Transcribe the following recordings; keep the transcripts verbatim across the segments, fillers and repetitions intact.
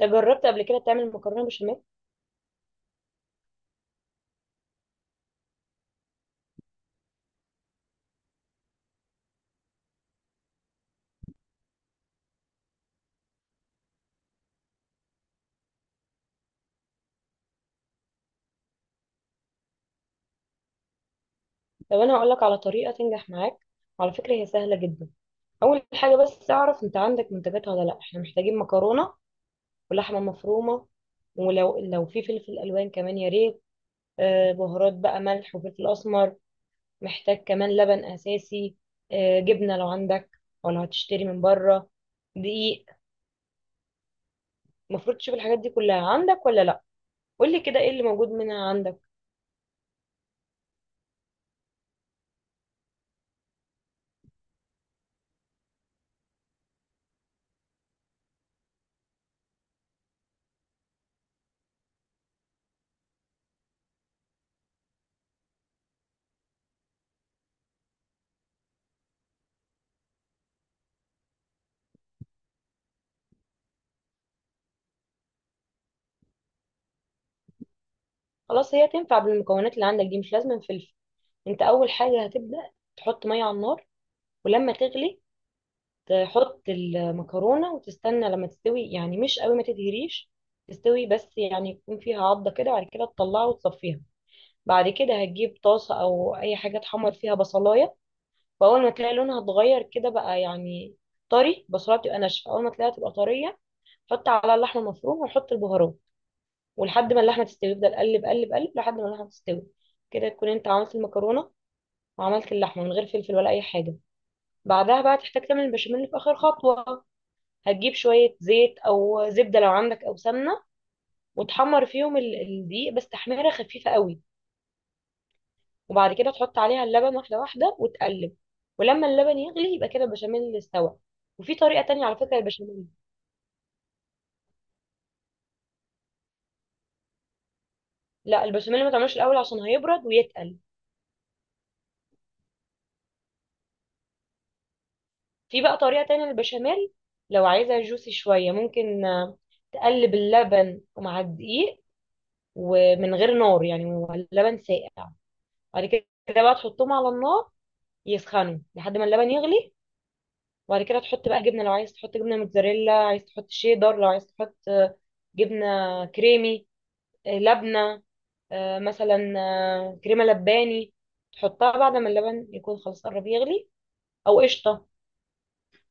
ده جربت قبل كده تعمل مكرونه بشاميل؟ لو انا هقولك على طريقه تنجح معاك، وعلى فكره هي سهله جدا. اول حاجه بس اعرف انت عندك منتجات ولا لا، احنا محتاجين مكرونه ولحمه مفرومه، ولو لو في فلفل الوان كمان يا ريت. آه، بهارات بقى ملح وفلفل اسمر. محتاج كمان لبن اساسي، آه، جبنه لو عندك او لو هتشتري من بره، دقيق. المفروض تشوف الحاجات دي كلها عندك ولا لا. قول لي كده ايه اللي موجود منها عندك. خلاص هي تنفع بالمكونات اللي عندك دي، مش لازم فلفل. انت اول حاجه هتبدا تحط ميه على النار، ولما تغلي تحط المكرونه وتستنى لما تستوي، يعني مش قوي ما تدهريش، تستوي بس يعني يكون فيها عضه كده. بعد كده تطلعها وتصفيها. بعد كده هتجيب طاسه او اي حاجه تحمر فيها بصلايه، واول ما تلاقي لونها اتغير كده بقى يعني طري، بصلايه بتبقى ناشفه اول ما تلاقيها تبقى طريه، حط على اللحمه المفرومه وحط البهارات، ولحد ما اللحمه تستوي افضل قلب قلب قلب لحد ما اللحمه تستوي. كده تكون انت عملت المكرونه وعملت اللحمه من غير فلفل ولا اي حاجه. بعدها بقى تحتاج تعمل البشاميل في آخر خطوة. هتجيب شوية زيت أو زبدة لو عندك أو سمنة، وتحمر فيهم ال- الدقيق بس تحميرة خفيفة قوي، وبعد كده تحط عليها اللبن واحدة واحدة وتقلب. ولما اللبن يغلي يبقى كده البشاميل استوى. وفي طريقة تانية على فكرة البشاميل. لا البشاميل ما تعملوش الأول عشان هيبرد ويتقل. في بقى طريقة تانية للبشاميل، لو عايزها جوسي شوية ممكن آه، تقلب اللبن مع الدقيق ومن غير نار، يعني هو اللبن ساقع، بعد كده بقى تحطهم على النار يسخنوا لحد ما اللبن يغلي. وبعد كده تحط بقى جبنه، لو عايز تحط جبنه موتزاريلا، عايز تحط شيدر، لو عايز تحط آه، جبنه كريمي، آه، لبنه، آه، مثلا آه، كريمه لباني، تحطها بعد ما اللبن يكون خلاص قرب يغلي، او قشطه.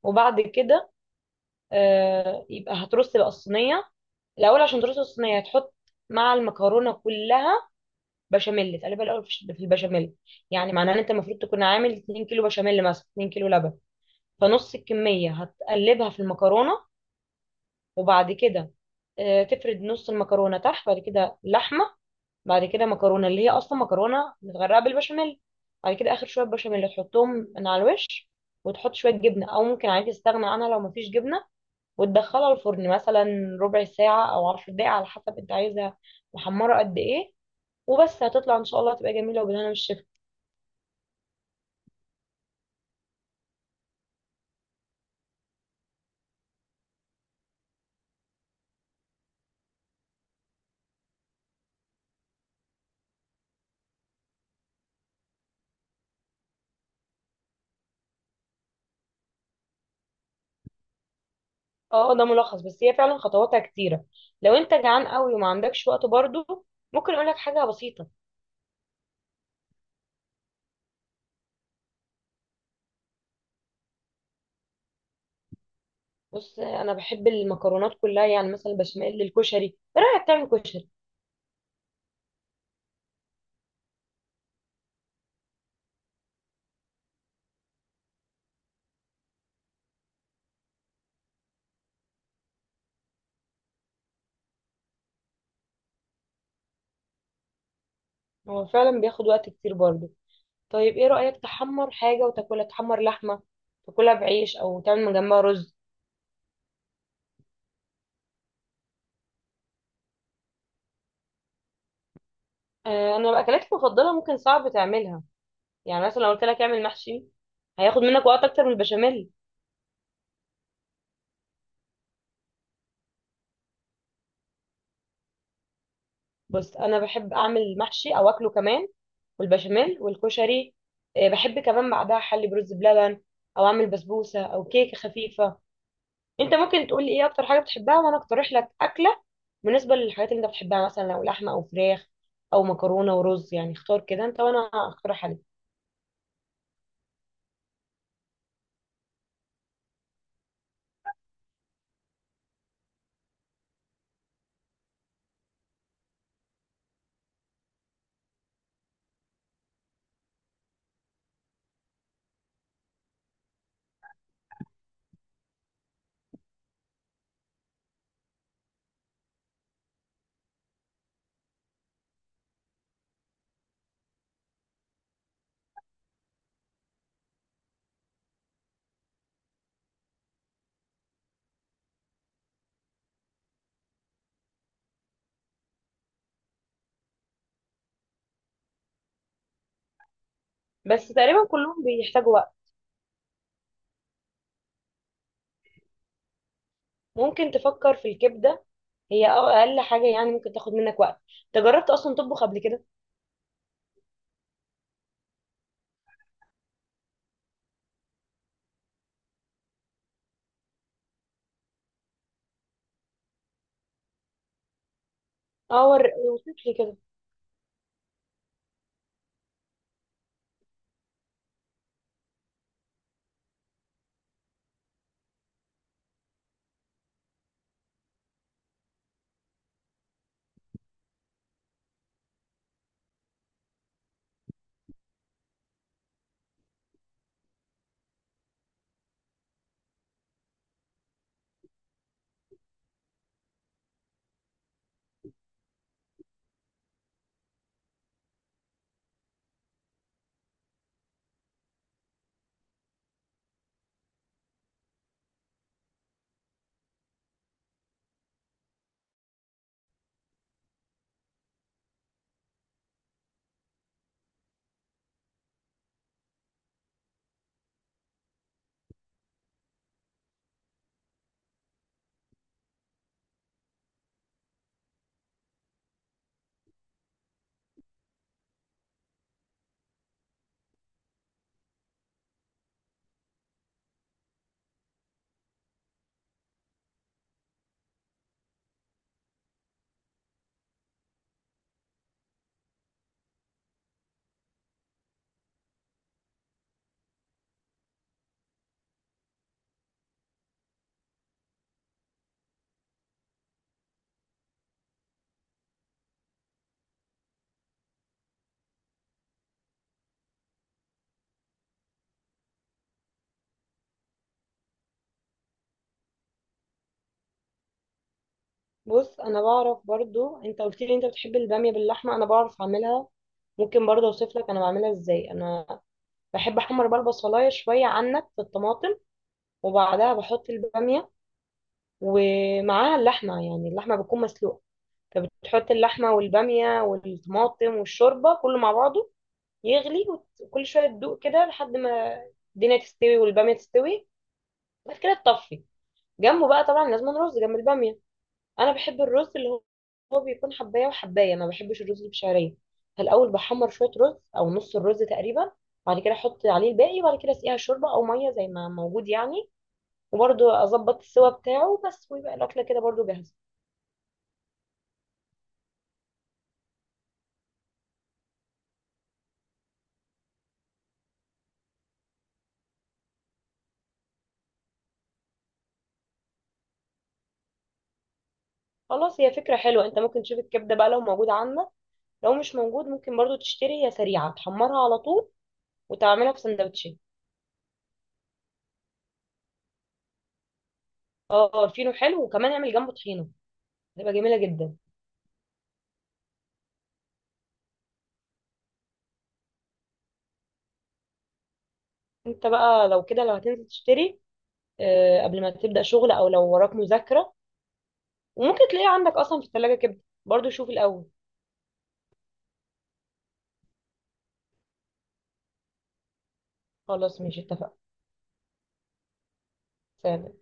وبعد كده آه، يبقى هترص بقى الصينيه. الاول عشان ترص الصينيه هتحط مع المكرونه كلها بشاميل، تقلبها الاول في البشاميل. يعني معناه ان انت المفروض تكون عامل اتنين كيلو بشاميل مثلا، اتنين كيلو لبن، فنص الكمية هتقلبها في المكرونة. وبعد كده آه، تفرد نص المكرونة تحت، بعد كده لحمة، بعد كده مكرونة اللي هي أصلا مكرونة متغرقة بالبشاميل، بعد كده آخر شوية بشاميل تحطهم من على الوش، وتحط شوية جبنة أو ممكن عادي تستغنى عنها لو مفيش جبنة. وتدخلها الفرن مثلا ربع ساعة أو عشر دقايق على حسب أنت عايزها محمرة قد إيه. وبس هتطلع إن شاء الله تبقى جميلة وبالهنا والشفا. اه ده ملخص، بس هي فعلا خطواتها كتيرة. لو انت جعان قوي وما عندكش وقت برضو ممكن اقول لك حاجة بسيطة. بص انا بحب المكرونات كلها، يعني مثلا بشاميل الكشري. ايه رأيك تعمل كشري؟ هو فعلا بياخد وقت كتير برضو. طيب ايه رأيك تحمر حاجة وتاكلها، تحمر لحمة تاكلها بعيش او تعمل من جنبها رز. آه، انا الاكلات المفضلة ممكن صعب تعملها. يعني مثلا لو قلت لك اعمل محشي هياخد منك وقت اكتر من البشاميل. بص انا بحب اعمل محشي او اكله كمان، والبشاميل والكشري. آه، بحب كمان بعدها احلي برز بلبن، او اعمل بسبوسه او كيكه خفيفه. انت ممكن تقول لي ايه اكتر حاجه بتحبها وانا اقترح لك اكله. بالنسبه للحاجات اللي انت بتحبها، مثلا لو لحمه او فراخ او مكرونه ورز، يعني اختار كده انت وانا اقترح عليك. بس تقريبا كلهم بيحتاجوا وقت. ممكن تفكر في الكبده، هي اقل حاجه يعني ممكن تاخد منك وقت. انت جربت اصلا تطبخ قبل كده؟ اه، ور- وصف لي كده. بص انا بعرف برضو، انت قلت لي انت بتحب الباميه باللحمه، انا بعرف اعملها. ممكن برضو اوصف لك انا بعملها ازاي. انا بحب احمر بقى البصلايه شويه عنك في الطماطم، وبعدها بحط الباميه ومعاها اللحمه، يعني اللحمه بتكون مسلوقه، فبتحط اللحمه والباميه والطماطم والشوربه كله مع بعضه يغلي، وكل شويه تدوق كده لحد ما الدنيا تستوي والباميه تستوي. بعد كده تطفي. جنبه بقى طبعا لازم رز جنب الباميه. انا بحب الرز اللي هو هو بيكون حبايه وحبايه، ما بحبش الرز اللي بشعريه. فالاول بحمر شويه رز او نص الرز تقريبا، بعد كده احط عليه الباقي، وبعد كده اسقيها شوربه او ميه زي ما موجود يعني. وبرده اظبط السوا بتاعه بس، ويبقى الاكله كده برده جاهزه. خلاص هي فكره حلوه، انت ممكن تشوف الكبده بقى لو موجود عندك، لو مش موجود ممكن برده تشتري، هي سريعه تحمرها على طول وتعملها في سندوتشات. اه الفينو حلو، وكمان اعمل جنبه طحينه، هتبقى جميله جدا. انت بقى لو كده لو هتنزل تشتري، آه، قبل ما تبدأ شغل او لو وراك مذاكرة، وممكن تلاقيه عندك اصلا في الثلاجة كبدة، برضو شوف الاول. خلاص ماشي اتفقنا. سلام.